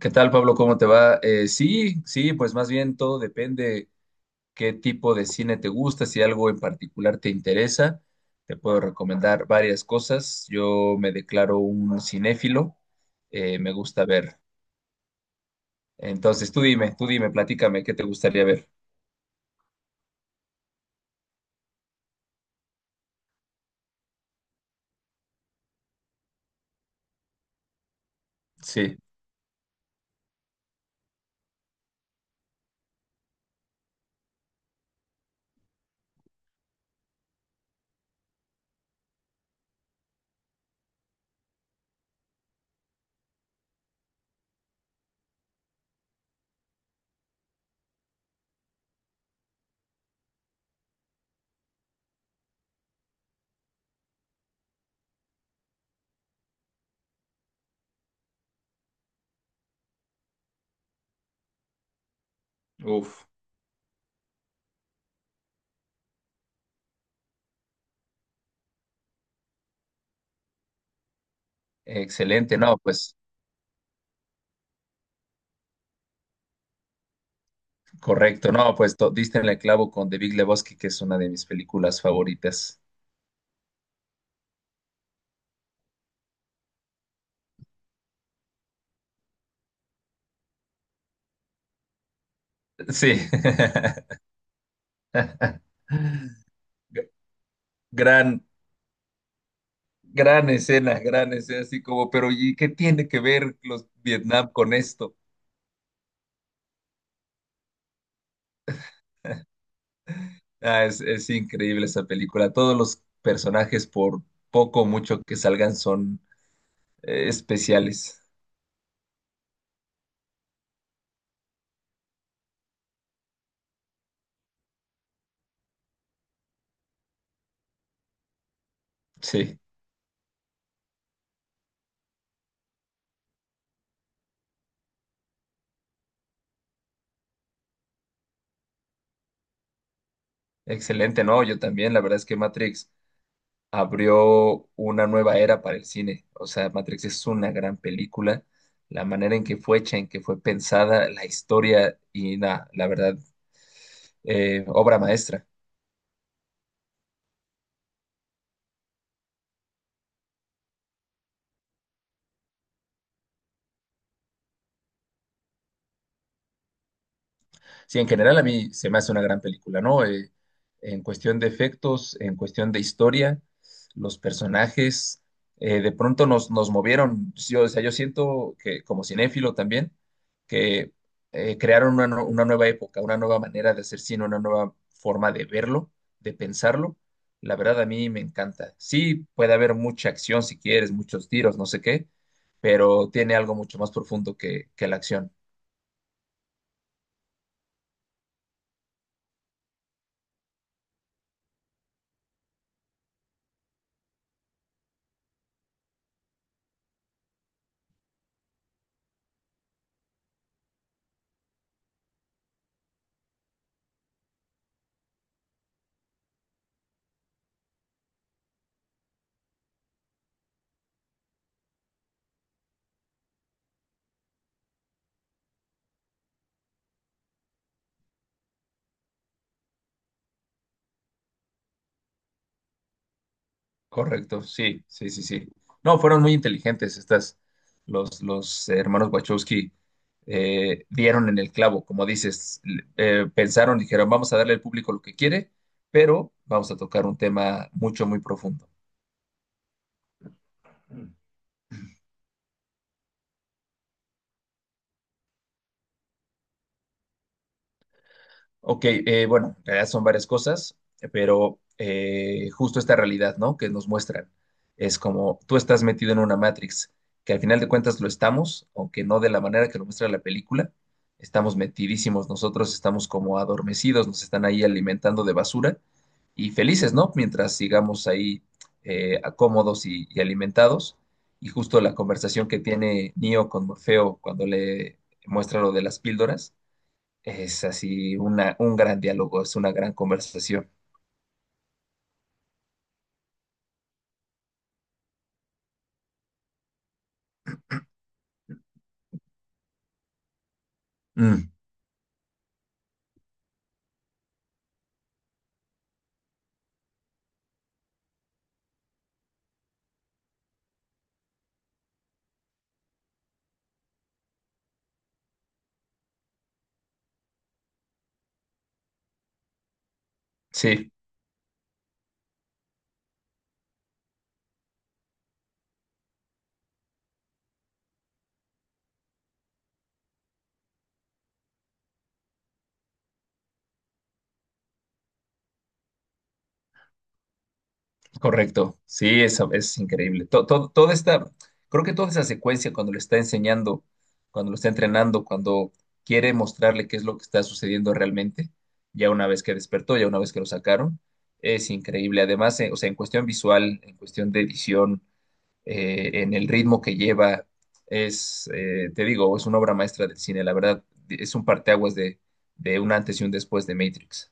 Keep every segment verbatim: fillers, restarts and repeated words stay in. ¿Qué tal, Pablo? ¿Cómo te va? Eh, sí, sí, pues más bien todo depende qué tipo de cine te gusta, si algo en particular te interesa. Te puedo recomendar varias cosas. Yo me declaro un cinéfilo, eh, me gusta ver. Entonces, tú dime, tú dime, platícame, ¿qué te gustaría ver? Sí, uf, excelente. No, pues correcto, no, pues to- diste en el clavo con The Big Lebowski, que es una de mis películas favoritas. Sí. Gran, Gran escena, gran escena, así como, pero ¿y qué tiene que ver los Vietnam con esto? Ah, es, es increíble esa película. Todos los personajes, por poco o mucho que salgan, son eh, especiales. Sí, excelente, ¿no? Yo también, la verdad es que Matrix abrió una nueva era para el cine. O sea, Matrix es una gran película. La manera en que fue hecha, en que fue pensada, la historia y nada, la verdad, eh, obra maestra. Sí, en general a mí se me hace una gran película, ¿no? Eh, en cuestión de efectos, en cuestión de historia, los personajes, eh, de pronto nos, nos movieron. Yo, o sea, yo siento que como cinéfilo también, que eh, crearon una, nu- una nueva época, una nueva manera de hacer cine, una nueva forma de verlo, de pensarlo. La verdad a mí me encanta. Sí, puede haber mucha acción si quieres, muchos tiros, no sé qué, pero tiene algo mucho más profundo que, que la acción. Correcto, sí, sí, sí, sí. No, fueron muy inteligentes estas, los, los hermanos Wachowski eh, dieron en el clavo, como dices, l- eh, pensaron, dijeron, vamos a darle al público lo que quiere, pero vamos a tocar un tema mucho, muy profundo. Ok, eh, bueno, en realidad son varias cosas, pero eh, justo esta realidad, ¿no? Que nos muestran. Es como tú estás metido en una Matrix, que al final de cuentas lo estamos, aunque no de la manera que lo muestra la película. Estamos metidísimos nosotros, estamos como adormecidos, nos están ahí alimentando de basura y felices, ¿no? Mientras sigamos ahí eh, cómodos y, y alimentados. Y justo la conversación que tiene Neo con Morfeo cuando le muestra lo de las píldoras es así una, un gran diálogo, es una gran conversación. Mm, sí, correcto. Sí, eso es increíble. To- to- toda esta, creo que toda esa secuencia cuando le está enseñando, cuando lo está entrenando, cuando quiere mostrarle qué es lo que está sucediendo realmente, ya una vez que despertó, ya una vez que lo sacaron, es increíble. Además, eh, o sea, en cuestión visual, en cuestión de edición, eh, en el ritmo que lleva. Es, eh, te digo, es una obra maestra del cine, la verdad, es un parteaguas de, de un antes y un después de Matrix.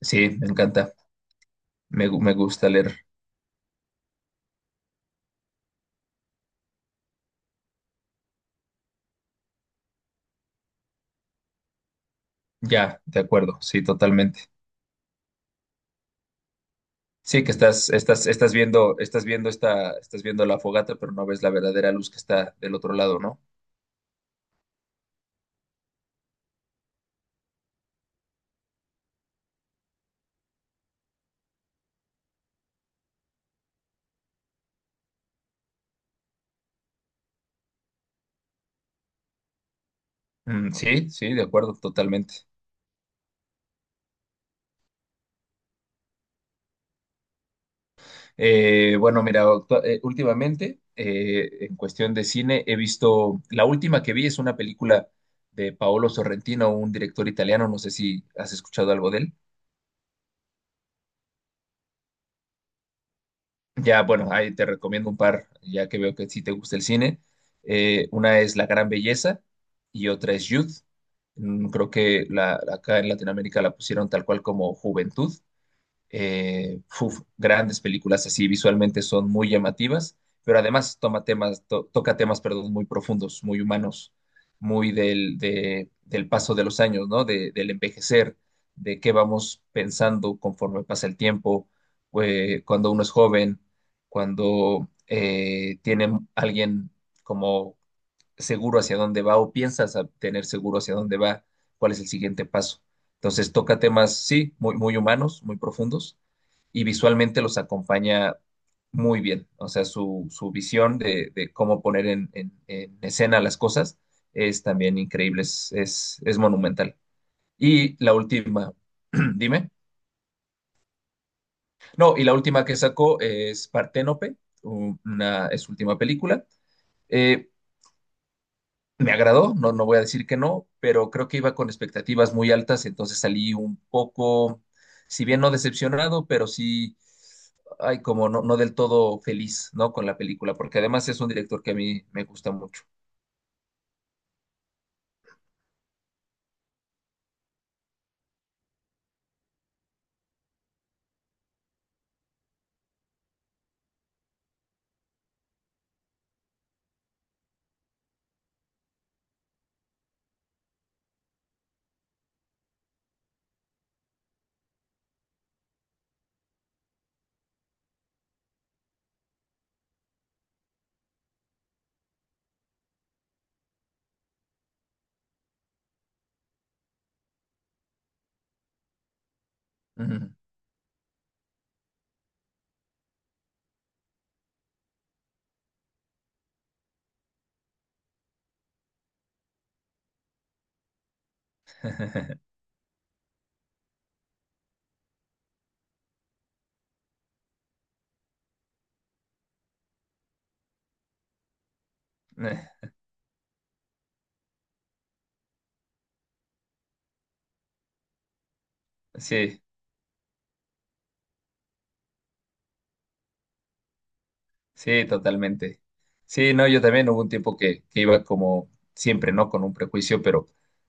Sí, me encanta, me, gu- me gusta leer. Ya, de acuerdo, sí, totalmente. Sí, que estás, estás, estás viendo, estás viendo esta, estás viendo la fogata, pero no ves la verdadera luz que está del otro lado, ¿no? Mm, sí, sí, de acuerdo, totalmente. Eh, bueno, mira, actu- eh, últimamente, eh, en cuestión de cine, he visto, la última que vi es una película de Paolo Sorrentino, un director italiano, no sé si has escuchado algo de él. Ya, bueno, ahí te recomiendo un par, ya que veo que sí te gusta el cine. Eh, una es La Gran Belleza y otra es Youth. Mm, creo que la, acá en Latinoamérica la pusieron tal cual como Juventud. Eh, uf, grandes películas así, visualmente son muy llamativas, pero además toma temas, to- toca temas, perdón, muy profundos, muy humanos, muy del, de- del paso de los años, ¿no? De- del envejecer, de qué vamos pensando conforme pasa el tiempo, eh, cuando uno es joven, cuando eh, tiene alguien como seguro hacia dónde va o piensas a tener seguro hacia dónde va, cuál es el siguiente paso. Entonces toca temas, sí, muy, muy humanos, muy profundos, y visualmente los acompaña muy bien. O sea, su, su visión de, de cómo poner en, en- en escena las cosas es también increíble, es, es, es monumental. Y la última, dime. No, y la última que sacó es Parténope, una, es su última película. Eh, Me agradó, no, no voy a decir que no, pero creo que iba con expectativas muy altas, entonces salí un poco, si bien no decepcionado, pero sí, ay, como no, no del todo feliz, ¿no? Con la película, porque además es un director que a mí me gusta mucho. Ujú. Eh, Sí, sí, totalmente. Sí, no, yo también hubo un tiempo que, que iba como siempre, ¿no? Con un prejuicio, pero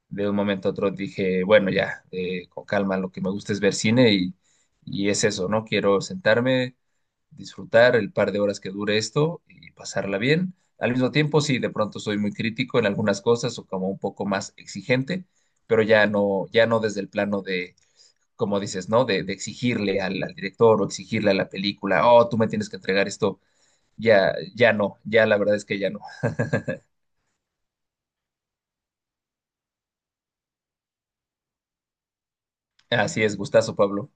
de un momento a otro dije, bueno, ya, eh, con calma, lo que me gusta es ver cine y, y es eso, ¿no? Quiero sentarme, disfrutar el par de horas que dure esto y pasarla bien. Al mismo tiempo, sí, de pronto soy muy crítico en algunas cosas o como un poco más exigente, pero ya no, ya no desde el plano de, como dices, ¿no? De, de exigirle al, al director o exigirle a la película, oh, tú me tienes que entregar esto. Ya, ya no, ya la verdad es que ya no. Así es, gustazo, Pablo.